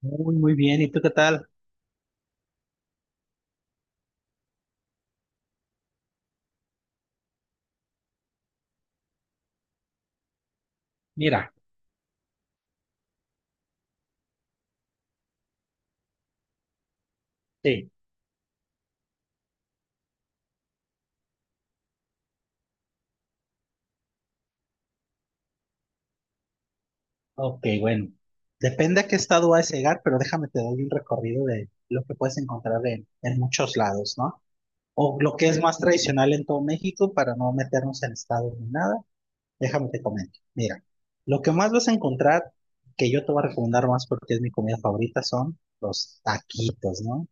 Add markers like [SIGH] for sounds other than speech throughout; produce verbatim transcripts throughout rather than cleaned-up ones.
Muy, muy bien. ¿Y tú qué tal? Mira, sí. Ok, bueno. Depende a qué estado vas a llegar, pero déjame te doy un recorrido de lo que puedes encontrar en, en muchos lados, ¿no? O lo que es más tradicional en todo México, para no meternos en estados ni nada, déjame te comento. Mira, lo que más vas a encontrar, que yo te voy a recomendar más porque es mi comida favorita, son los taquitos, ¿no?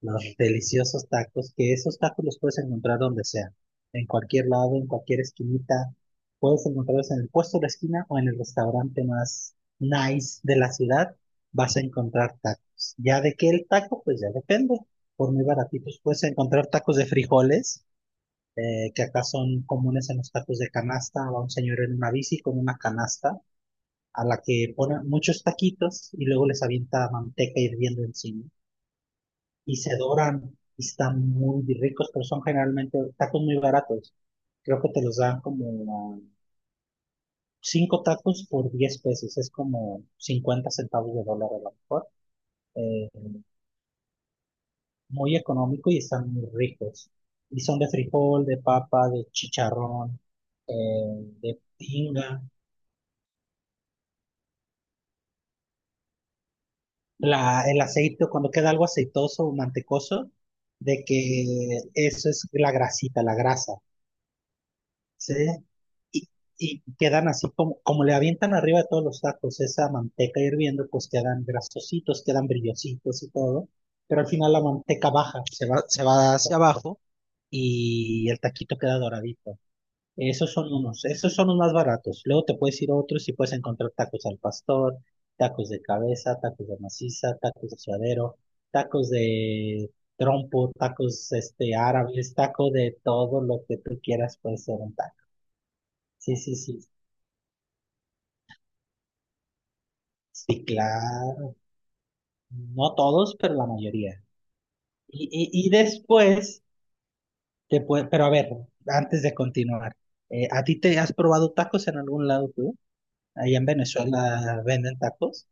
Los deliciosos tacos, que esos tacos los puedes encontrar donde sea, en cualquier lado, en cualquier esquinita. Puedes encontrarlos en el puesto de la esquina o en el restaurante más nice de la ciudad, vas a encontrar tacos. Ya de qué el taco, pues ya depende. Por muy baratitos puedes encontrar tacos de frijoles, eh, que acá son comunes en los tacos de canasta. Va un señor en una bici con una canasta a la que pone muchos taquitos y luego les avienta manteca hirviendo encima y se doran y están muy ricos, pero son generalmente tacos muy baratos. Creo que te los dan como cinco tacos por diez pesos, es como cincuenta centavos de dólar a lo mejor. Eh, Muy económico y están muy ricos. Y son de frijol, de papa, de chicharrón, eh, de tinga. La, el aceite, cuando queda algo aceitoso o mantecoso, de que eso es la grasita, la grasa. Sí, y, y quedan así como, como le avientan arriba de todos los tacos esa manteca hirviendo, pues quedan grasositos, quedan brillositos y todo, pero al final la manteca baja, se va, se va hacia abajo y el taquito queda doradito. Esos son unos, esos son los más baratos. Luego te puedes ir a otros y puedes encontrar tacos al pastor, tacos de cabeza, tacos de maciza, tacos de suadero, tacos de trompo, tacos este árabes, taco de todo lo que tú quieras puede ser un. Sí, sí, sí, sí, claro. No todos, pero la mayoría. Y, y, y después, te puede, pero a ver, antes de continuar, eh, ¿a ti te has probado tacos en algún lado tú? Allá en Venezuela venden tacos.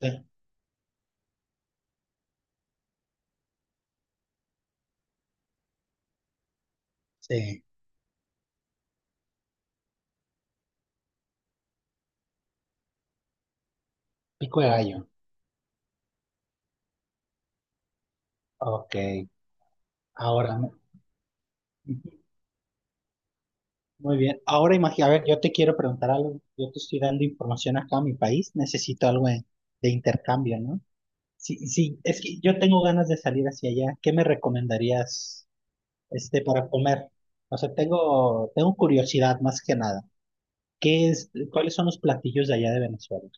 Sí, sí, pico de gallo. Ok. Ahora, me- ujú, muy bien. Ahora imagina, a ver, yo te quiero preguntar algo. Yo te estoy dando información acá a mi país. Necesito algo de, de intercambio, ¿no? Sí, sí, es que yo tengo ganas de salir hacia allá. ¿Qué me recomendarías? este, para comer. O sea, tengo, tengo curiosidad más que nada. ¿Qué es, cuáles son los platillos de allá de Venezuela?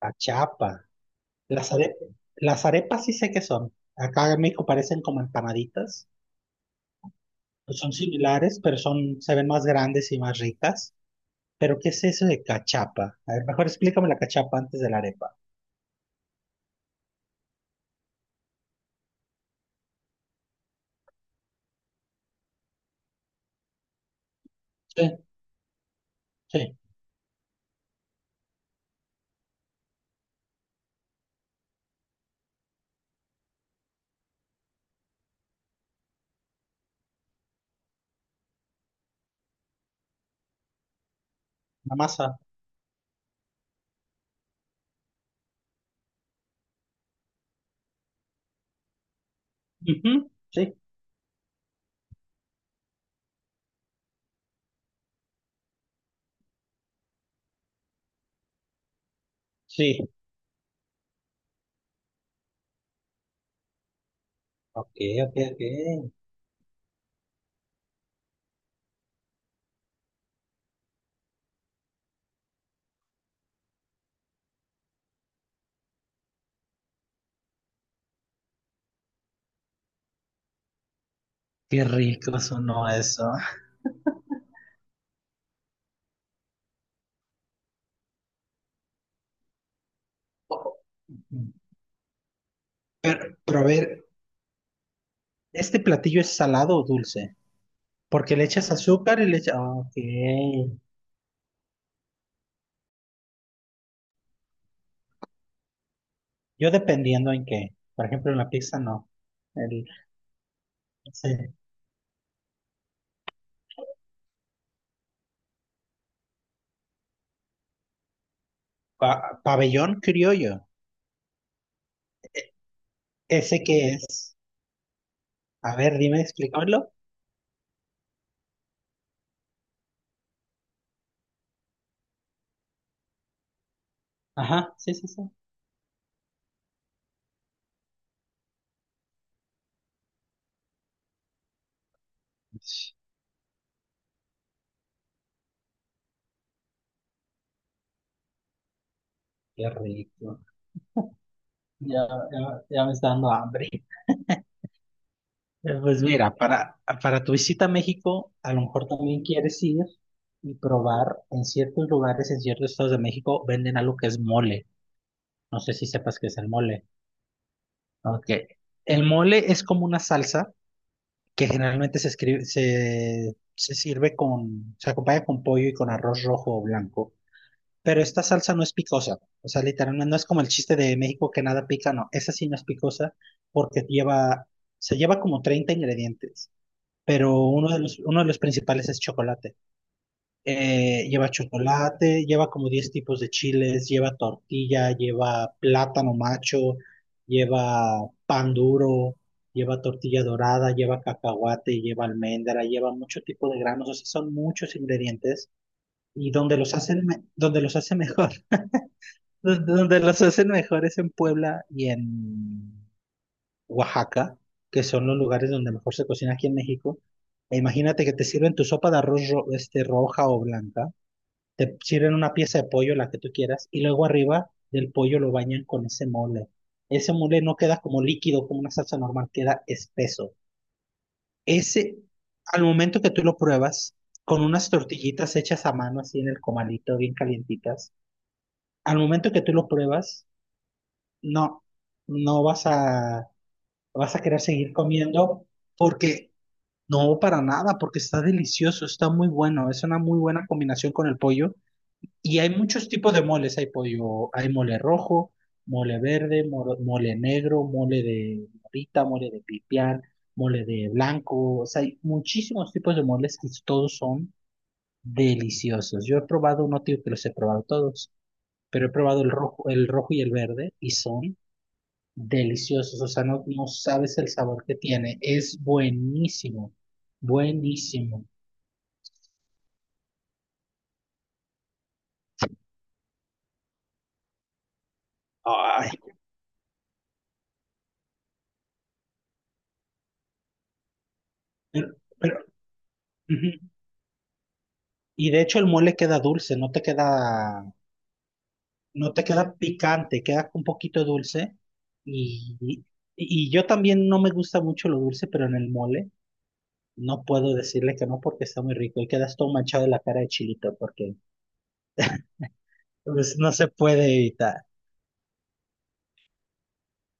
Achapa. Las arepas, las arepas sí sé qué son. Acá en México parecen como empanaditas. Pues son similares, pero son, se ven más grandes y más ricas. Pero ¿qué es eso de cachapa? A ver, mejor explícame la cachapa antes de la arepa. Sí, sí, la masa. Ujú, sí, sí. Ok, ok, ok. Qué rico sonó eso. Pero, pero a ver, ¿este platillo es salado o dulce? Porque le echas azúcar y le echas... Ok. Yo dependiendo en qué. Por ejemplo, en la pizza no. El, ese pa- pabellón criollo. ¿Ese qué es? A ver, dime, explícamelo. Ajá, sí, sí, sí. Ush, qué rico. Ya, ya, ya me está dando hambre. Eh, Pues mira, para, para tu visita a México, a lo mejor también quieres ir y probar en ciertos lugares, en ciertos estados de México, venden algo que es mole. No sé si sepas qué es el mole. Ok. El mole es como una salsa que generalmente se escribe, se, se sirve con, se acompaña con pollo y con arroz rojo o blanco. Pero esta salsa no es picosa. O sea, literalmente no es como el chiste de México que nada pica, no. Esa sí no es picosa porque lleva, se lleva como treinta ingredientes. Pero uno de los, uno de los principales es chocolate. Eh, lleva chocolate, lleva como diez tipos de chiles, lleva tortilla, lleva plátano macho, lleva pan duro, lleva tortilla dorada, lleva cacahuate, lleva almendra, lleva mucho tipo de granos, o sea, son muchos ingredientes y donde los hacen, me- donde los hacen mejor, [LAUGHS] donde donde los hacen mejor es en Puebla y en Oaxaca, que son los lugares donde mejor se cocina aquí en México. E imagínate que te sirven tu sopa de arroz ro- este, roja o blanca. Te sirven una pieza de pollo, la que tú quieras, y luego arriba del pollo lo bañan con ese mole. Ese mole no queda como líquido, como una salsa normal, queda espeso. Ese, Al momento que tú lo pruebas, con unas tortillitas hechas a mano, así en el comalito, bien calientitas, al momento que tú lo pruebas, no, no vas a, vas a querer seguir comiendo porque... No, para nada, porque está delicioso, está muy bueno, es una muy buena combinación con el pollo. Y hay muchos tipos de moles, hay pollo, hay mole rojo, mole verde, moro- mole negro, mole de morita, mole de pipián, mole de blanco, o sea, hay muchísimos tipos de moles que todos son deliciosos. Yo he probado, no digo que los he probado todos, pero he probado el rojo, el rojo y el verde y son deliciosos, o sea, no, no sabes el sabor que tiene, es buenísimo, buenísimo. Ay, pero, pero, ujú. Y de hecho el mole queda dulce, no te queda no te queda picante, queda un poquito dulce. Y, y- y yo también no me gusta mucho lo dulce, pero en el mole no puedo decirle que no porque está muy rico y quedas todo manchado de la cara de chilito porque pues, no se puede evitar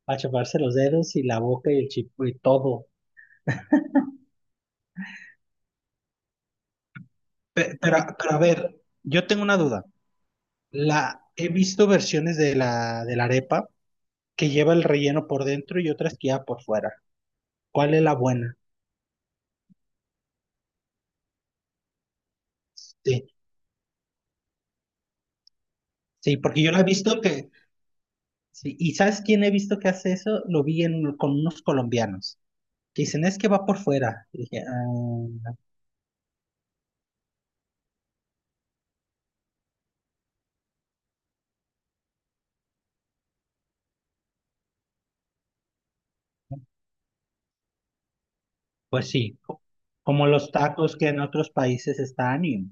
achaparse los dedos y la boca y el chipo y todo. Pe- Pero, pero, a ver, yo tengo una duda. La, he visto versiones de la, de la arepa que lleva el relleno por dentro y otras que lleva por fuera. ¿Cuál es la buena? Sí, sí, porque yo la he visto que. Sí, ¿y sabes quién he visto que hace eso? Lo vi en- con unos colombianos que dicen, es que va por fuera. Y dije, "Ah, pues sí, co- como los tacos que en otros países están y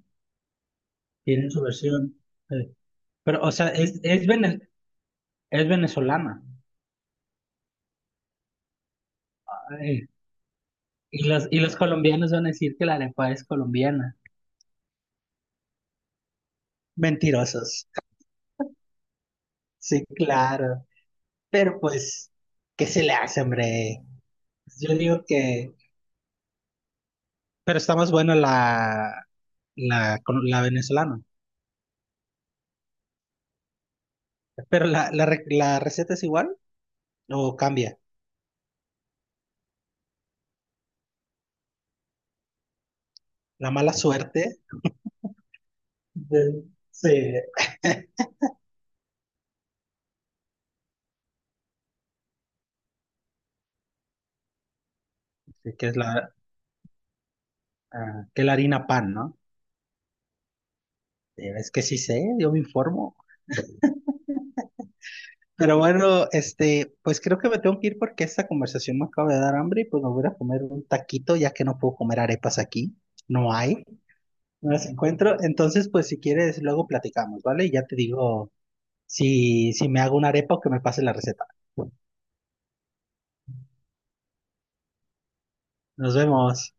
tienen su versión." Eh, Pero, o sea, es, es, vene- es venezolana. Ay, y los, y los colombianos van a decir que la arepa es colombiana. Mentirosos. Sí, claro. Pero pues, ¿qué se le hace, hombre? Yo digo que... Pero está más buena la, la, la venezolana. Pero la, la, re- la receta es igual o cambia. La mala suerte. De- se- de [LAUGHS] que es la, ah, que la harina pan, ¿no? Eh, Es que sí sé, yo me informo. Pero bueno, este, pues creo que me tengo que ir porque esta conversación me acaba de dar hambre y pues me voy a ir a comer un taquito ya que no puedo comer arepas aquí. No hay, no las encuentro. Entonces, pues si quieres, luego platicamos, ¿vale? Y ya te digo si, si me hago una arepa o que me pase la receta. Nos vemos.